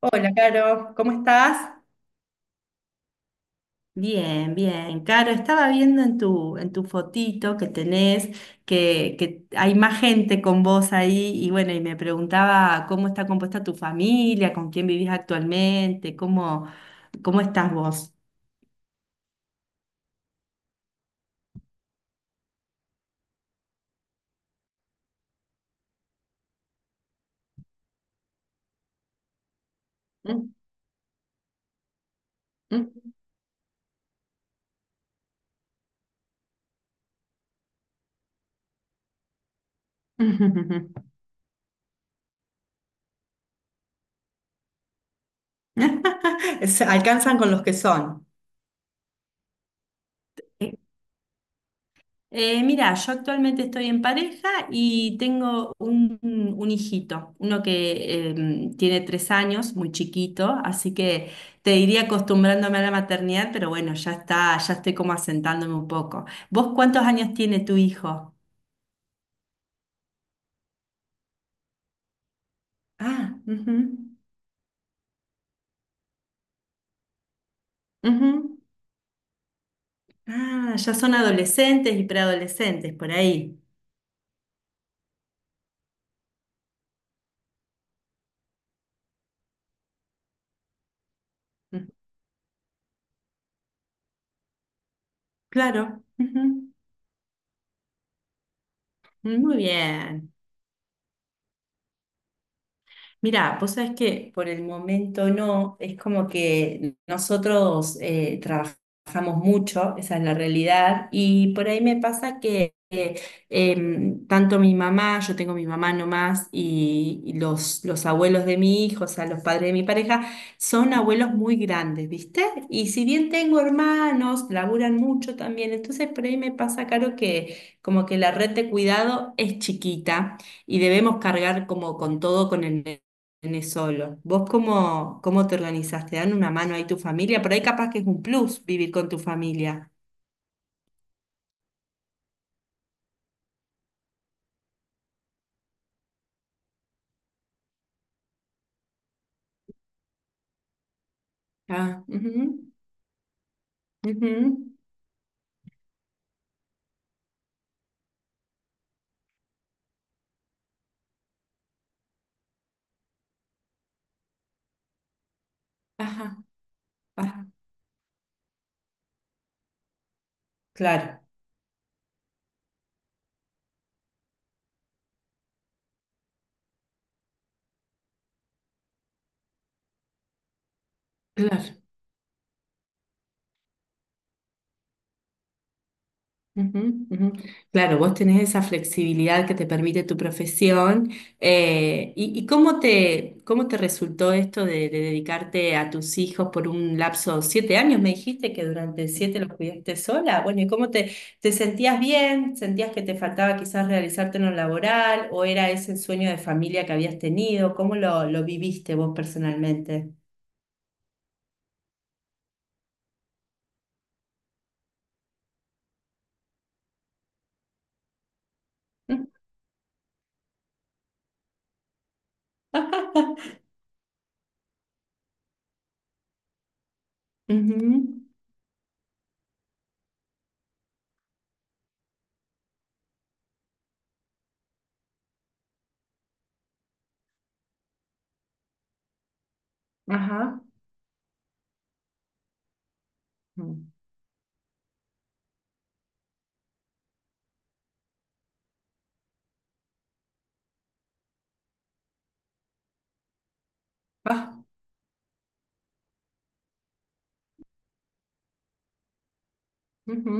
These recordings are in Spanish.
Hola, Caro, ¿cómo estás? Bien, bien. Caro, estaba viendo en tu fotito que tenés que hay más gente con vos ahí y bueno, y me preguntaba cómo está compuesta tu familia, con quién vivís actualmente, cómo estás vos. Mm, mm. Se alcanzan con los que son. Mira, yo actualmente estoy en pareja y tengo un hijito, uno que tiene 3 años, muy chiquito, así que te diría acostumbrándome a la maternidad, pero bueno, ya está, ya estoy como asentándome un poco. ¿Vos cuántos años tiene tu hijo? Ah, ujú, ujú. Ah, ya son adolescentes y preadolescentes por ahí. Ujú, claro. Ujú. Muy bien. Mira, vos sabés que por el momento no, es como que nosotros trabajamos mucho, esa es la realidad, y por ahí me pasa que tanto mi mamá, yo tengo mi mamá nomás, y los abuelos de mi hijo, o sea, los padres de mi pareja, son abuelos muy grandes, ¿viste? Y si bien tengo hermanos, laburan mucho también, entonces por ahí me pasa, Caro, que como que la red de cuidado es chiquita y debemos cargar como con todo con el tenés solo. ¿Vos cómo te organizás? ¿Te dan una mano ahí tu familia? Por ahí capaz que es un plus vivir con tu familia. Ah, ujú, ujú, ajá, ajá, claro. Claro. Ujú, ujú. Claro, vos tenés esa flexibilidad que te permite tu profesión. Y cómo te resultó esto de dedicarte a tus hijos por un lapso de 7 años? Me dijiste que durante siete los cuidaste sola. Bueno, ¿y cómo te sentías bien? ¿Sentías que te faltaba quizás realizarte en lo laboral? ¿O era ese sueño de familia que habías tenido? ¿Cómo lo viviste vos personalmente? Ujú, ajá. Ah, ujú.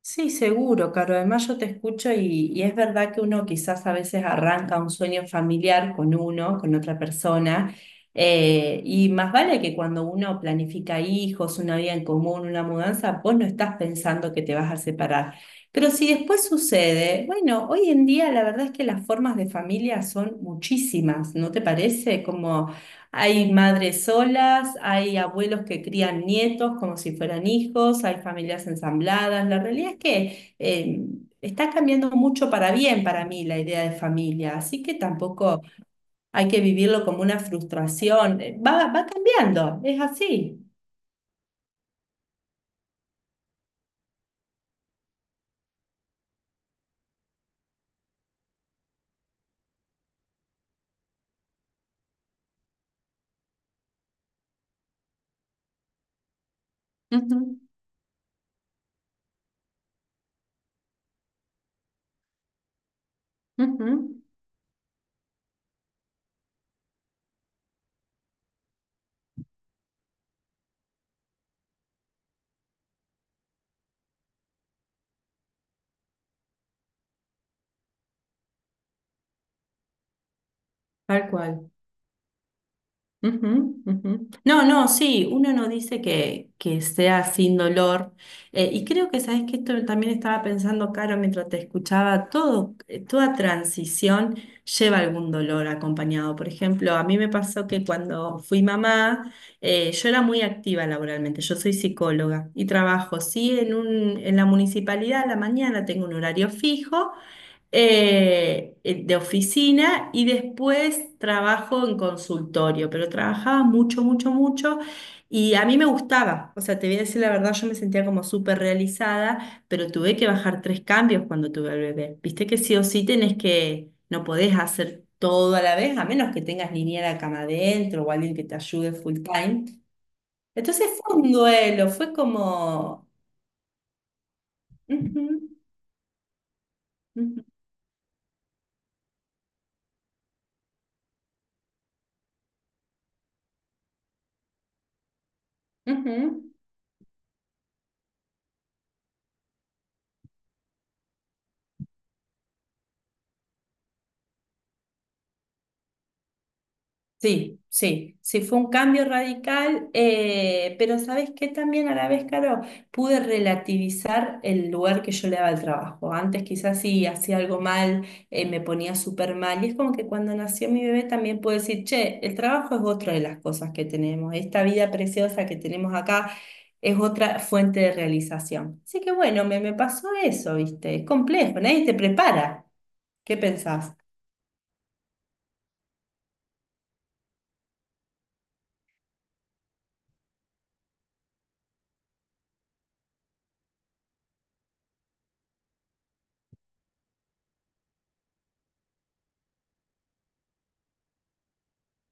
Sí, seguro, Caro. Además yo te escucho y es verdad que uno quizás a veces arranca un sueño familiar con uno, con otra persona, y más vale que cuando uno planifica hijos, una vida en común, una mudanza, vos no estás pensando que te vas a separar. Pero si después sucede, bueno, hoy en día la verdad es que las formas de familia son muchísimas, ¿no te parece? Como hay madres solas, hay abuelos que crían nietos como si fueran hijos, hay familias ensambladas. La realidad es que está cambiando mucho para bien para mí la idea de familia, así que tampoco hay que vivirlo como una frustración. Va cambiando, es así. Ujú, ujú, tal cual. Ujú, ujú. No, no, sí, uno no dice que, sea sin dolor. Y creo que, sabes que esto también estaba pensando, Caro, mientras te escuchaba, todo, toda transición lleva algún dolor acompañado. Por ejemplo, a mí me pasó que cuando fui mamá, yo era muy activa laboralmente, yo soy psicóloga y trabajo, sí, en la municipalidad, a la mañana tengo un horario fijo de oficina y después trabajo en consultorio, pero trabajaba mucho, mucho, mucho y a mí me gustaba, o sea, te voy a decir la verdad, yo me sentía como súper realizada, pero tuve que bajar tres cambios cuando tuve al bebé. Viste que sí o sí tenés que, no podés hacer todo a la vez, a menos que tengas niñera cama adentro o alguien que te ayude full time. Entonces fue un duelo, fue como... Ujú, ujú, ujú. Sí, sí, sí, fue un cambio radical, pero ¿sabes qué? También a la vez, Caro, pude relativizar el lugar que yo le daba al trabajo. Antes quizás sí hacía algo mal, me ponía súper mal, y es como que cuando nació mi bebé también puedo decir, che, el trabajo es otra de las cosas que tenemos, esta vida preciosa que tenemos acá es otra fuente de realización. Así que bueno, me pasó eso, ¿viste? Es complejo, nadie te prepara. ¿Qué pensás?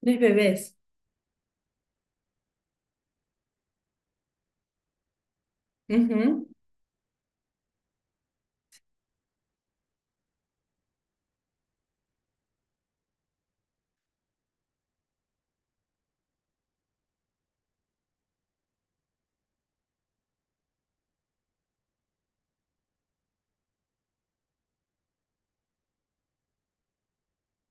Tres bebés. Ujú.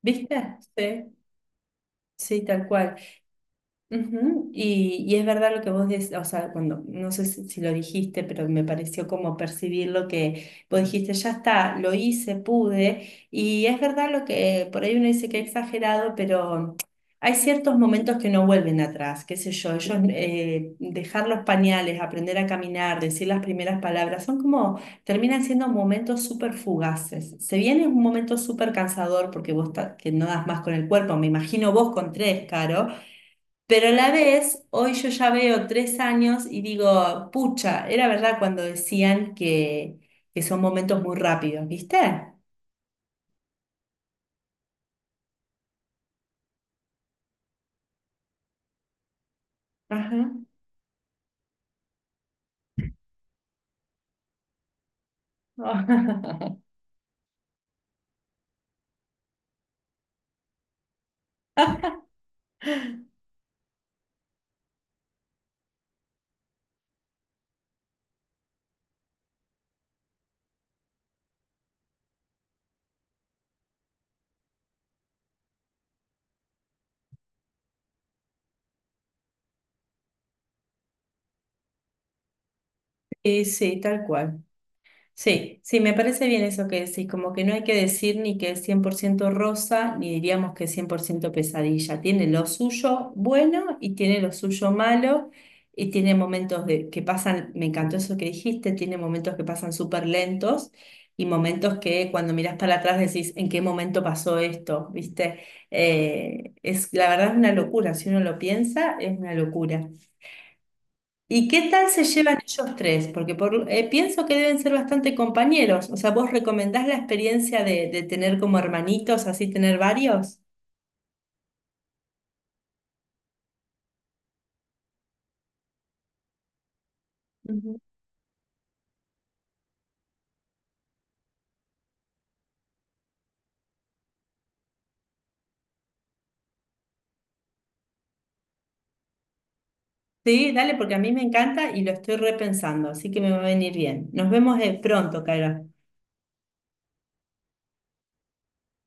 ¿Viste? Sí. Sí, tal cual. Ujú, y es verdad lo que vos decís, o sea, cuando, no sé si lo dijiste, pero me pareció como percibir lo que vos dijiste, ya está, lo hice, pude, y es verdad lo que por ahí uno dice que he exagerado, pero hay ciertos momentos que no vuelven atrás, qué sé yo, ellos, dejar los pañales, aprender a caminar, decir las primeras palabras, son como, terminan siendo momentos súper fugaces. Se viene un momento súper cansador porque vos que no das más con el cuerpo, me imagino vos con tres, Caro. Pero a la vez, hoy yo ya veo 3 años y digo, pucha, era verdad cuando decían que, son momentos muy rápidos, ¿viste? Ajá. Y sí, tal cual. Sí, sí, me parece bien eso que decís, como que no hay que decir ni que es 100% rosa, ni diríamos que es 100% pesadilla. Tiene lo suyo bueno y tiene lo suyo malo, y tiene momentos de, que pasan, me encantó eso que dijiste, tiene momentos que pasan súper lentos y momentos que cuando mirás para atrás decís, ¿en qué momento pasó esto? ¿Viste? La verdad es una locura, si uno lo piensa, es una locura. ¿Y qué tal se llevan ellos tres? Porque pienso que deben ser bastante compañeros. O sea, ¿vos recomendás la experiencia de tener como hermanitos, así tener varios? Ujú. Sí, dale, porque a mí me encanta y lo estoy repensando, así que me va a venir bien. Nos vemos pronto, Cairo.